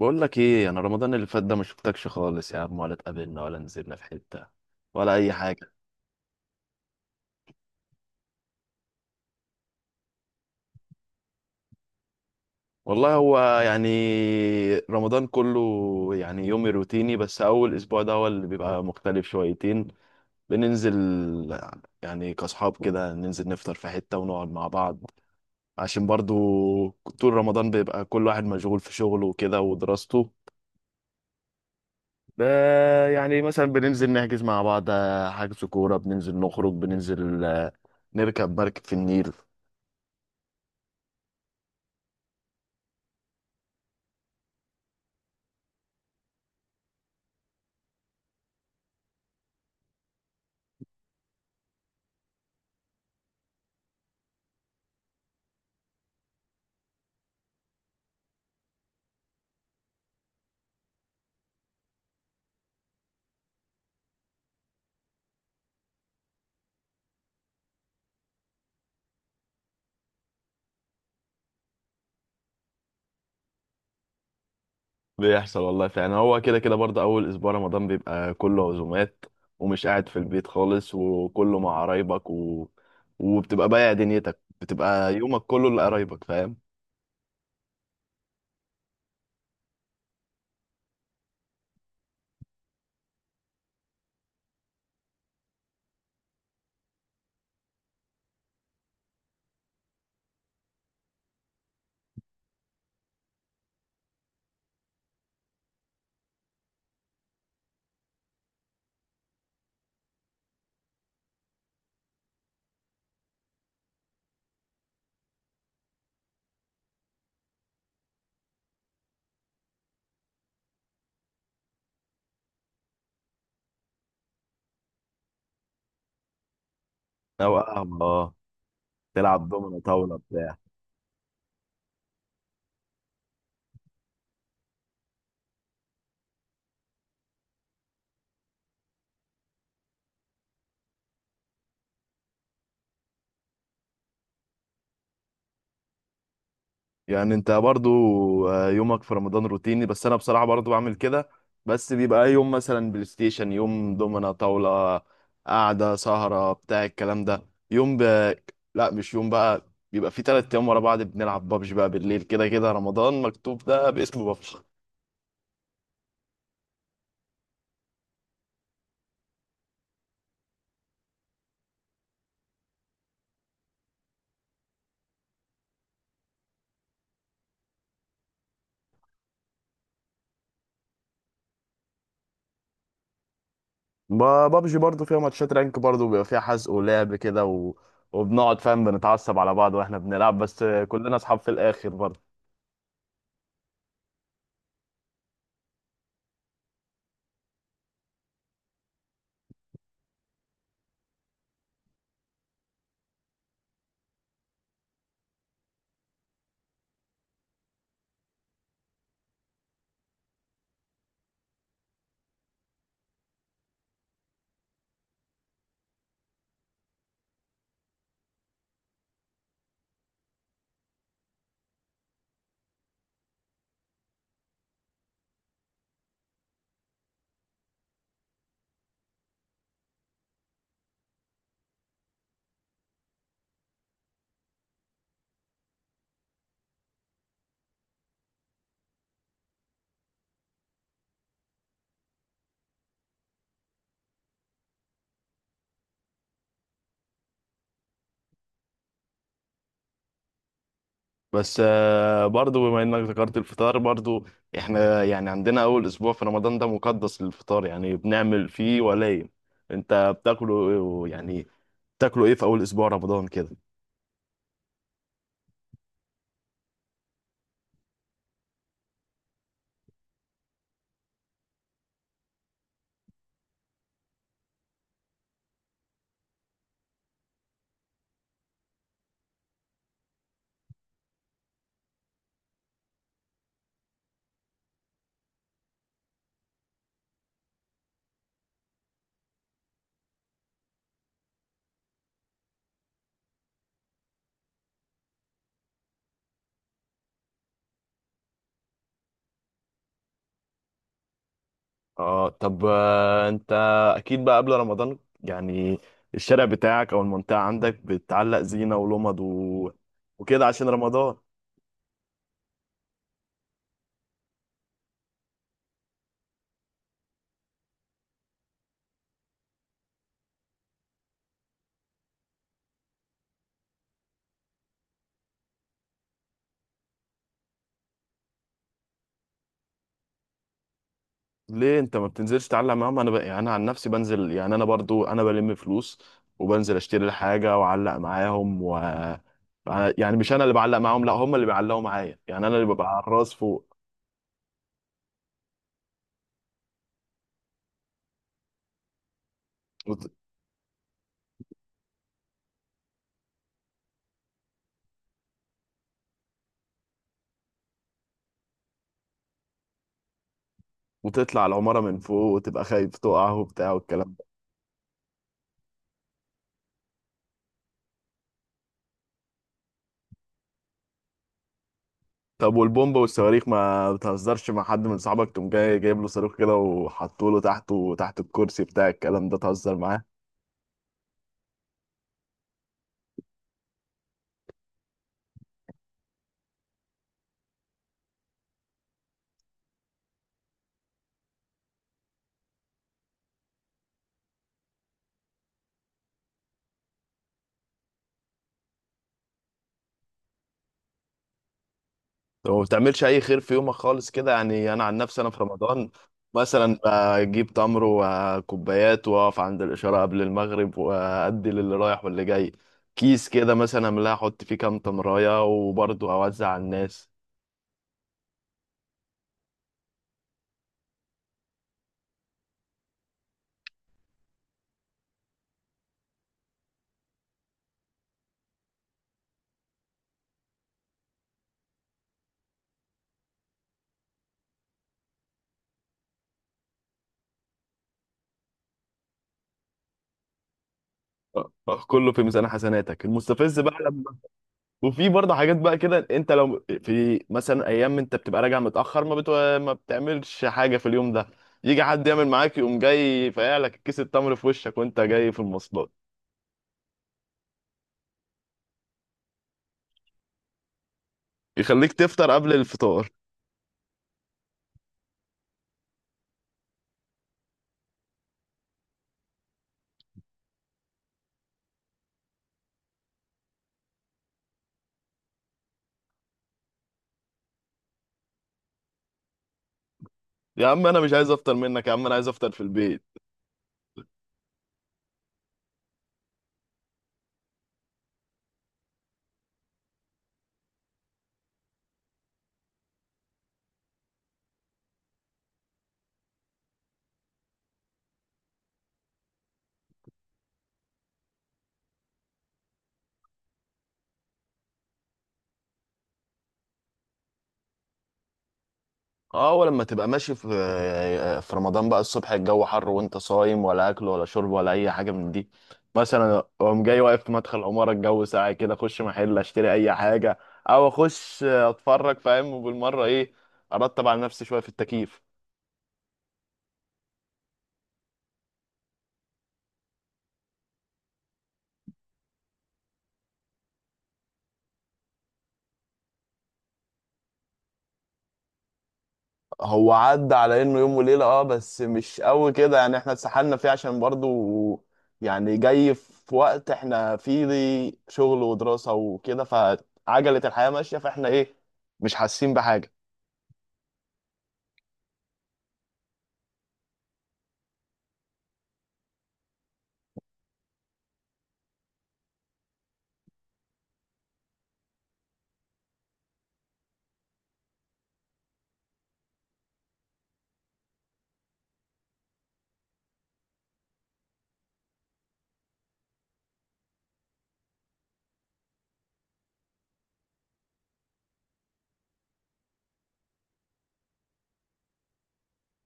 بقول لك ايه، انا رمضان اللي فات ده ما شفتكش خالص يا عم، ولا اتقابلنا ولا نزلنا في حتة ولا اي حاجة. والله هو يعني رمضان كله يعني يومي روتيني، بس اول اسبوع ده هو اللي بيبقى مختلف شويتين. بننزل يعني كاصحاب كده، ننزل نفطر في حتة ونقعد مع بعض، عشان برضو طول رمضان بيبقى كل واحد مشغول في شغله وكده ودراسته. ده يعني مثلا بننزل نحجز مع بعض، حجز كورة، بننزل نخرج، بننزل نركب مركب في النيل. بيحصل والله فعلا، هو كده كده برضه أول أسبوع رمضان بيبقى كله عزومات، ومش قاعد في البيت خالص، وكله مع قرايبك و... وبتبقى بايع دنيتك، بتبقى يومك كله لقرايبك، فاهم. أو اه تلعب دومنة طاولة بتاع. يعني انت برضو يومك في رمضان روتيني، بس انا بصراحة برضو بعمل كده، بس بيبقى يوم مثلا بلاي ستيشن، يوم دومنا طاولة، قعدة سهرة بتاع الكلام ده. يوم ب... لا، مش يوم بقى، بيبقى في تلات ايام ورا بعض بنلعب بابجي بقى بالليل، كده كده رمضان مكتوب ده باسم بابجي. بابجي برضو فيها ماتشات رانك، برضو بيبقى فيها حزق ولعب كده و... وبنقعد فاهم، بنتعصب على بعض واحنا بنلعب، بس كلنا اصحاب في الاخر برضو. بس برضو بما انك ذكرت الفطار، برضو احنا يعني عندنا اول اسبوع في رمضان ده مقدس للفطار، يعني بنعمل فيه ولايم. انت بتاكله يعني بتاكله ايه في اول اسبوع رمضان كده؟ اه طب، انت اكيد بقى قبل رمضان يعني الشارع بتاعك او المنطقة عندك بتعلق زينة ولمض و... وكده عشان رمضان. ليه انت ما بتنزلش تتعلم معاهم؟ يعني انا عن نفسي بنزل، يعني انا برضو انا بلم فلوس، وبنزل اشتري الحاجه واعلق معاهم و يعني مش انا اللي بعلق معاهم، لا، هم اللي بيعلقوا معايا، يعني انا اللي ببقى على الراس فوق. وت... وتطلع العماره من فوق وتبقى خايف تقع وبتاع والكلام ده. طب والبومب والصواريخ ما بتهزرش مع حد من صحابك، تقوم جاي جايب له صاروخ كده وحطه له تحته تحت الكرسي بتاع الكلام ده، تهزر معاه؟ وما بتعملش اي خير في يومك خالص كده؟ يعني انا عن نفسي انا في رمضان مثلا بجيب تمر وكوبايات، واقف عند الاشاره قبل المغرب وادي للي رايح واللي جاي كيس كده، مثلا املاها احط فيه كام تمرايه وبرضه اوزع على الناس. أه، أه، كله في ميزان حسناتك، المستفز بقى لما وفي برضه حاجات بقى كده، انت لو في مثلا ايام انت بتبقى راجع متاخر ما بتعملش حاجه في اليوم ده، يجي حد يعمل معاك، يقوم جاي فاقع لك كيس التمر في وشك وانت جاي في المواصلات، يخليك تفطر قبل الفطار. يا عم انا مش عايز افطر منك، يا عم انا عايز افطر في البيت. اه، ولما تبقى ماشي في رمضان بقى الصبح الجو حر وانت صايم، ولا اكل ولا شرب ولا اي حاجه من دي، مثلا اقوم جاي واقف في مدخل عماره، الجو ساقع كده، اخش محل اشتري اي حاجه او اخش اتفرج، فاهم، وبالمره ايه ارتب على نفسي شويه في التكييف. هو عدى على انه يوم وليله، اه بس مش قوي كده يعني، احنا اتسحلنا فيه عشان برضو يعني جاي في وقت احنا فيه دي شغل ودراسه وكده، فعجله الحياه ماشيه، فاحنا ايه مش حاسين بحاجه.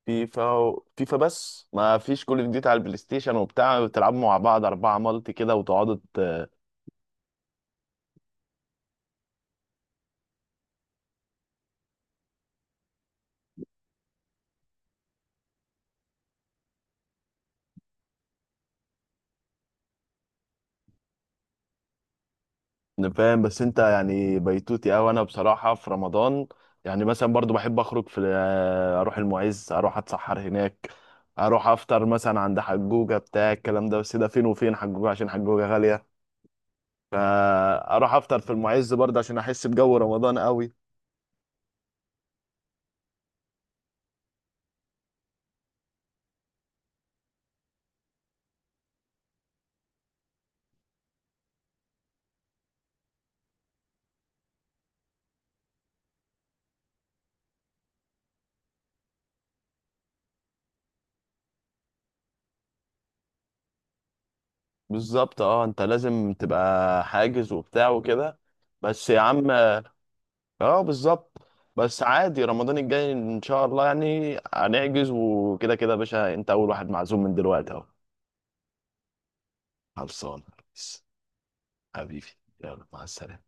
فيفا فيفا بس؟ ما فيش كول اوف ديوتي على البلاي ستيشن وبتاع، بتلعبوا مع بعض اربعه مالتي كده وتقعدوا؟ أنا فاهم، بس انت يعني بيتوتي اوي. انا بصراحه في رمضان يعني مثلا برضو بحب اخرج، في اروح المعز، اروح اتسحر هناك، اروح افطر مثلا عند حجوجه بتاع الكلام ده، بس ده فين وفين حجوجه، عشان حجوجه غاليه، فاروح افطر في المعز برضه عشان احس بجو رمضان قوي. بالظبط، اه انت لازم تبقى حاجز وبتاع وكده، بس يا عم. اه بالظبط، بس عادي رمضان الجاي ان شاء الله يعني هنحجز، وكده كده يا باشا انت اول واحد معزوم من دلوقتي اهو. خلصان يا ريس. حبيبي، يلا مع السلامة.